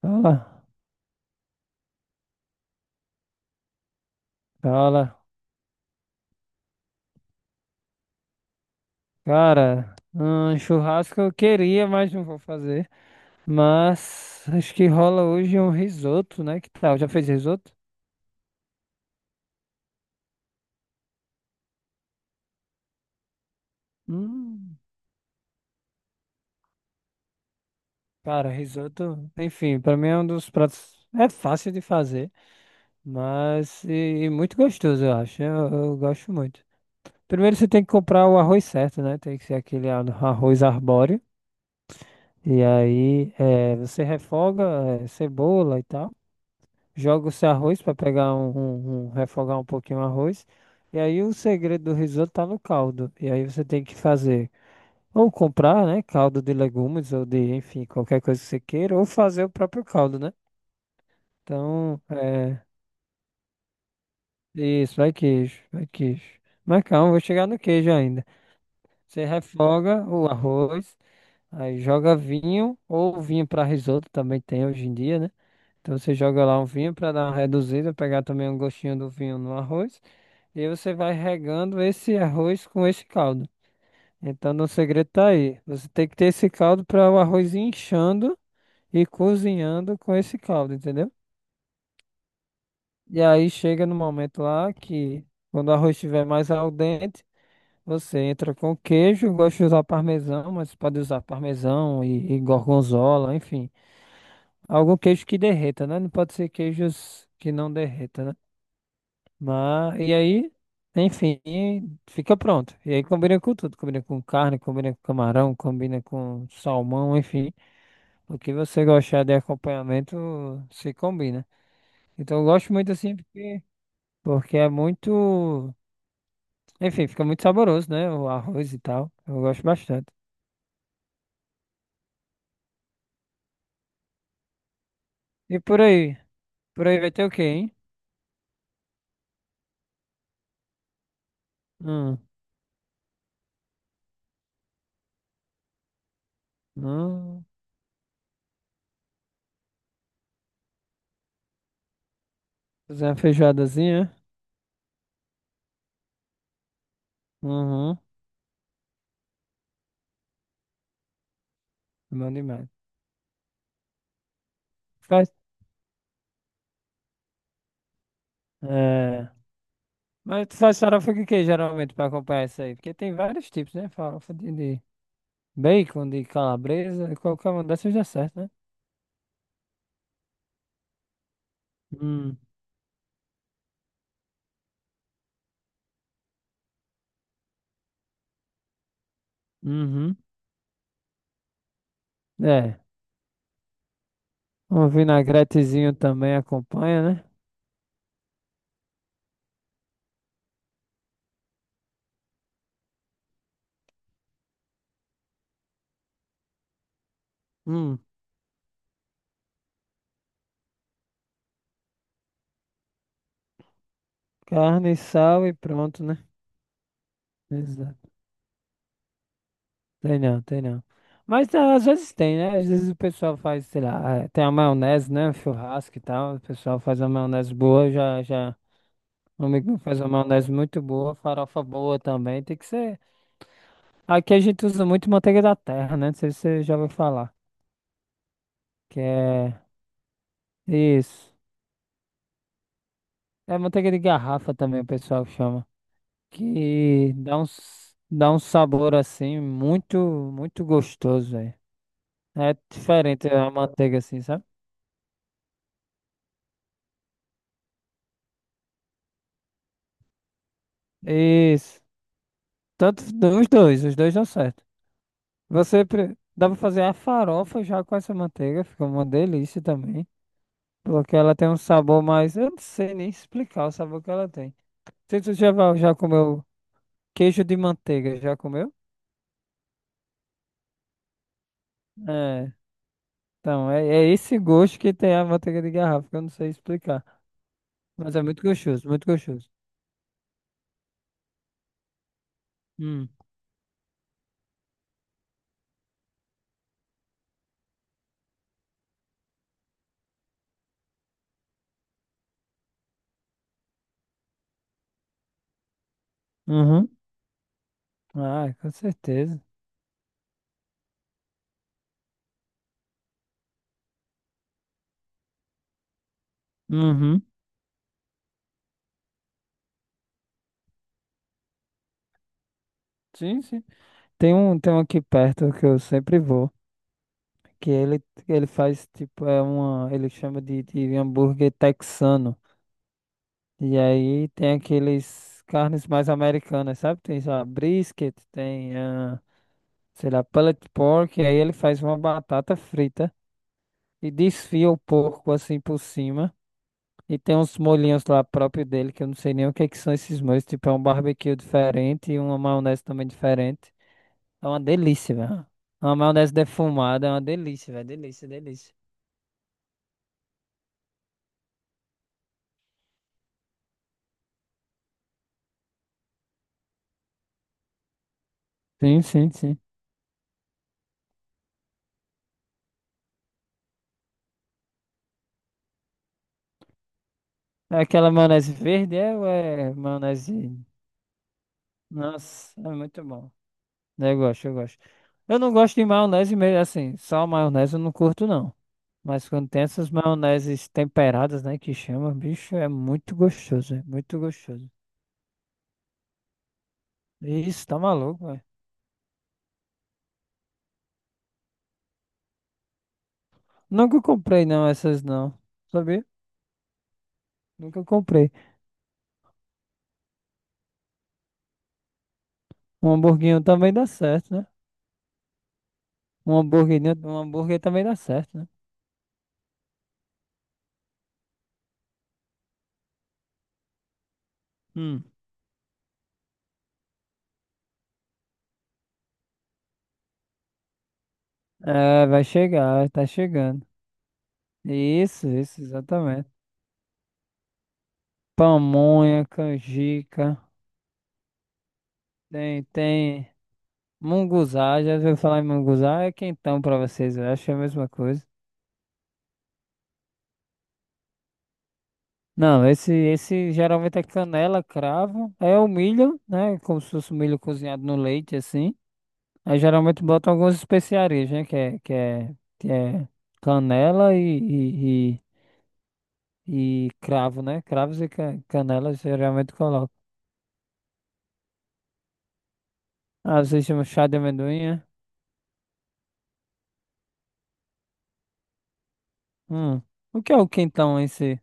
Fala, fala. Cara, um churrasco eu queria, mas não vou fazer. Mas acho que rola hoje um risoto, né? Que tal? Já fez risoto? Hum, cara, risoto, enfim, pra mim é um dos pratos. É fácil de fazer, mas e muito gostoso, eu acho. Eu gosto muito. Primeiro você tem que comprar o arroz certo, né? Tem que ser aquele arroz arbóreo. E aí você refoga cebola e tal. Joga o seu arroz para pegar refogar um pouquinho o arroz. E aí o segredo do risoto tá no caldo. E aí você tem que fazer ou comprar, né, caldo de legumes ou de, enfim, qualquer coisa que você queira, ou fazer o próprio caldo, né? Então, é isso, vai queijo, vai queijo. Mas calma, vou chegar no queijo ainda. Você refoga o arroz, aí joga vinho ou vinho para risoto também tem hoje em dia, né? Então você joga lá um vinho para dar uma reduzida, pegar também um gostinho do vinho no arroz. E você vai regando esse arroz com esse caldo. Então, o segredo tá aí. Você tem que ter esse caldo para o arroz ir inchando e cozinhando com esse caldo, entendeu? E aí chega no momento lá que, quando o arroz estiver mais al dente, você entra com queijo. Eu gosto de usar parmesão, mas pode usar parmesão e gorgonzola, enfim. Algum queijo que derreta, né? Não pode ser queijos que não derreta, né? Mas, e aí, enfim, fica pronto. E aí combina com tudo. Combina com carne, combina com camarão, combina com salmão, enfim. O que você gostar de acompanhamento se combina. Então eu gosto muito assim porque, porque é muito. Enfim, fica muito saboroso, né? O arroz e tal. Eu gosto bastante. E por aí? Por aí vai ter o quê, hein? Hum, hum, fazer uma feijoadazinha. Uhum, é bom demais. Faz. É. Mas tu faz farofa de quê, geralmente, pra acompanhar isso aí? Porque tem vários tipos, né? Farofa de bacon, de calabresa, qualquer uma dessas dá certo, né? Hum, uhum. É. Um vinagretezinho também acompanha, né? Hum, carne, sal e pronto, né? Exato. Tem não, tem não. Mas ah, às vezes tem, né? Às vezes o pessoal faz, sei lá, ah, tem a maionese, né? Churrasco e tal. O pessoal faz uma maionese boa, já, já. Um amigo meu faz uma maionese muito boa, farofa boa também. Tem que ser. Aqui a gente usa muito manteiga da terra, né? Não sei se você já ouviu falar. Que é. Isso. É manteiga de garrafa também, o pessoal chama. Que dá dá um sabor assim, muito, muito gostoso, velho. É diferente a manteiga assim, sabe? Isso. Tanto os dois dão certo. Dá pra fazer a farofa já com essa manteiga, fica uma delícia também. Porque ela tem um sabor mais. Eu não sei nem explicar o sabor que ela tem. Não sei se você já comeu. Queijo de manteiga, já comeu? É. Então, é esse gosto que tem a manteiga de garrafa, que eu não sei explicar. Mas é muito gostoso, muito gostoso. Hum. Uhum. Ah, com certeza. Uhum. Sim, sim. Tem um aqui perto que eu sempre vou, que ele faz tipo, é uma, ele chama de hambúrguer texano. E aí tem aqueles carnes mais americanas, sabe? Tem, sei lá, brisket, tem, ah, sei lá, pulled pork, e aí ele faz uma batata frita. E desfia o porco assim por cima. E tem uns molhinhos lá próprio dele, que eu não sei nem o que é que são esses molhos. Tipo, é um barbecue diferente e uma maionese também diferente. É uma delícia, velho. É uma maionese defumada, é uma delícia, velho. Delícia, delícia. Sim, sim, sim. É aquela maionese verde é, ou é maionese. Nossa, é muito bom. Né, eu gosto, eu gosto. Eu não gosto de maionese mesmo, assim, só maionese eu não curto, não. Mas quando tem essas maioneses temperadas, né, que chama, bicho, é muito gostoso, é muito gostoso. Isso, tá maluco, velho. Nunca comprei, não, essas não. Sabia? Nunca comprei. Um hamburguinho também dá certo, né? Um hamburguinho, um hambúrguer também dá certo, né? Hum. É, vai chegar, tá chegando. Isso, exatamente. Pamonha, canjica, tem, tem. Munguzá, já ouviu falar em Munguzá? É quentão pra vocês, eu acho que é a mesma coisa. Não, esse geralmente é canela, cravo, é o milho, né? Como se fosse o milho cozinhado no leite, assim. Aí geralmente botam algumas especiarias, né? Que é canela e, e cravo, né? Cravos e canelas geralmente colocam. Ah, vocês chamam chá de amendoim, é? Hum. O que é o quentão em si?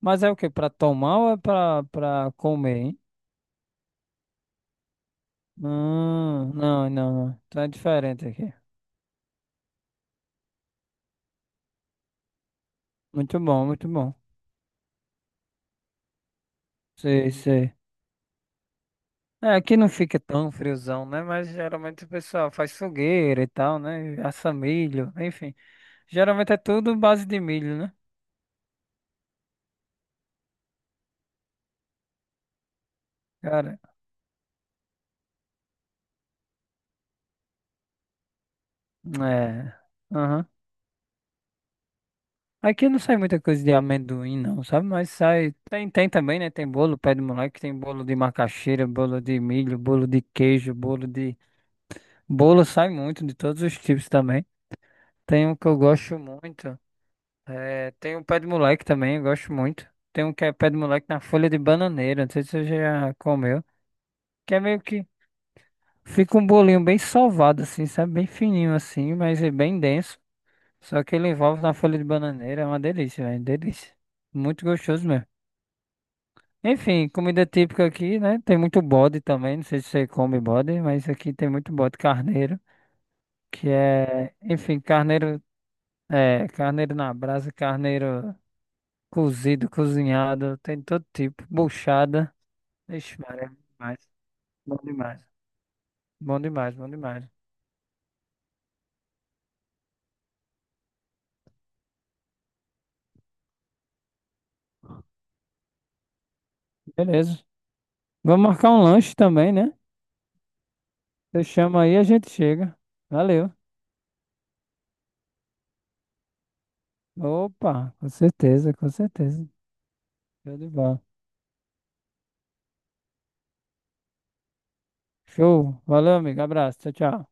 Mas é o que? Pra tomar ou é pra comer, hein? Não, não, não. Tá diferente aqui. Muito bom, muito bom. Sei, sei. É, aqui não fica tão friozão, né? Mas geralmente o pessoal faz fogueira e tal, né? Assa milho, enfim. Geralmente é tudo base de milho, né? Cara, é. Aham. Aqui não sai muita coisa de amendoim, não, sabe? Mas sai. Tem, tem também, né? Tem bolo, pé de moleque, tem bolo de macaxeira, bolo de milho, bolo de queijo, bolo de. Bolo sai muito, de todos os tipos também. Tem um que eu gosto muito. É, tem um pé de moleque também, eu gosto muito. Tem um que é pé de moleque na folha de bananeira, não sei se você já comeu. Que é meio que fica um bolinho bem sovado, assim, sabe? Bem fininho assim, mas é bem denso. Só que ele envolve na folha de bananeira, é uma delícia, velho, delícia. Muito gostoso mesmo. Enfim, comida típica aqui, né? Tem muito bode também, não sei se você come bode, mas aqui tem muito bode carneiro, que é, enfim, carneiro, é, carneiro na brasa, carneiro. Cozido, cozinhado, tem todo tipo. Buchada. Ixi, Maria, bom demais. Bom demais. Bom demais, bom demais. Beleza. Vamos marcar um lanche também, né? Você chama aí, a gente chega. Valeu. Opa, com certeza, com certeza. Show de bola. Show. Valeu, amigo. Abraço. Tchau, tchau.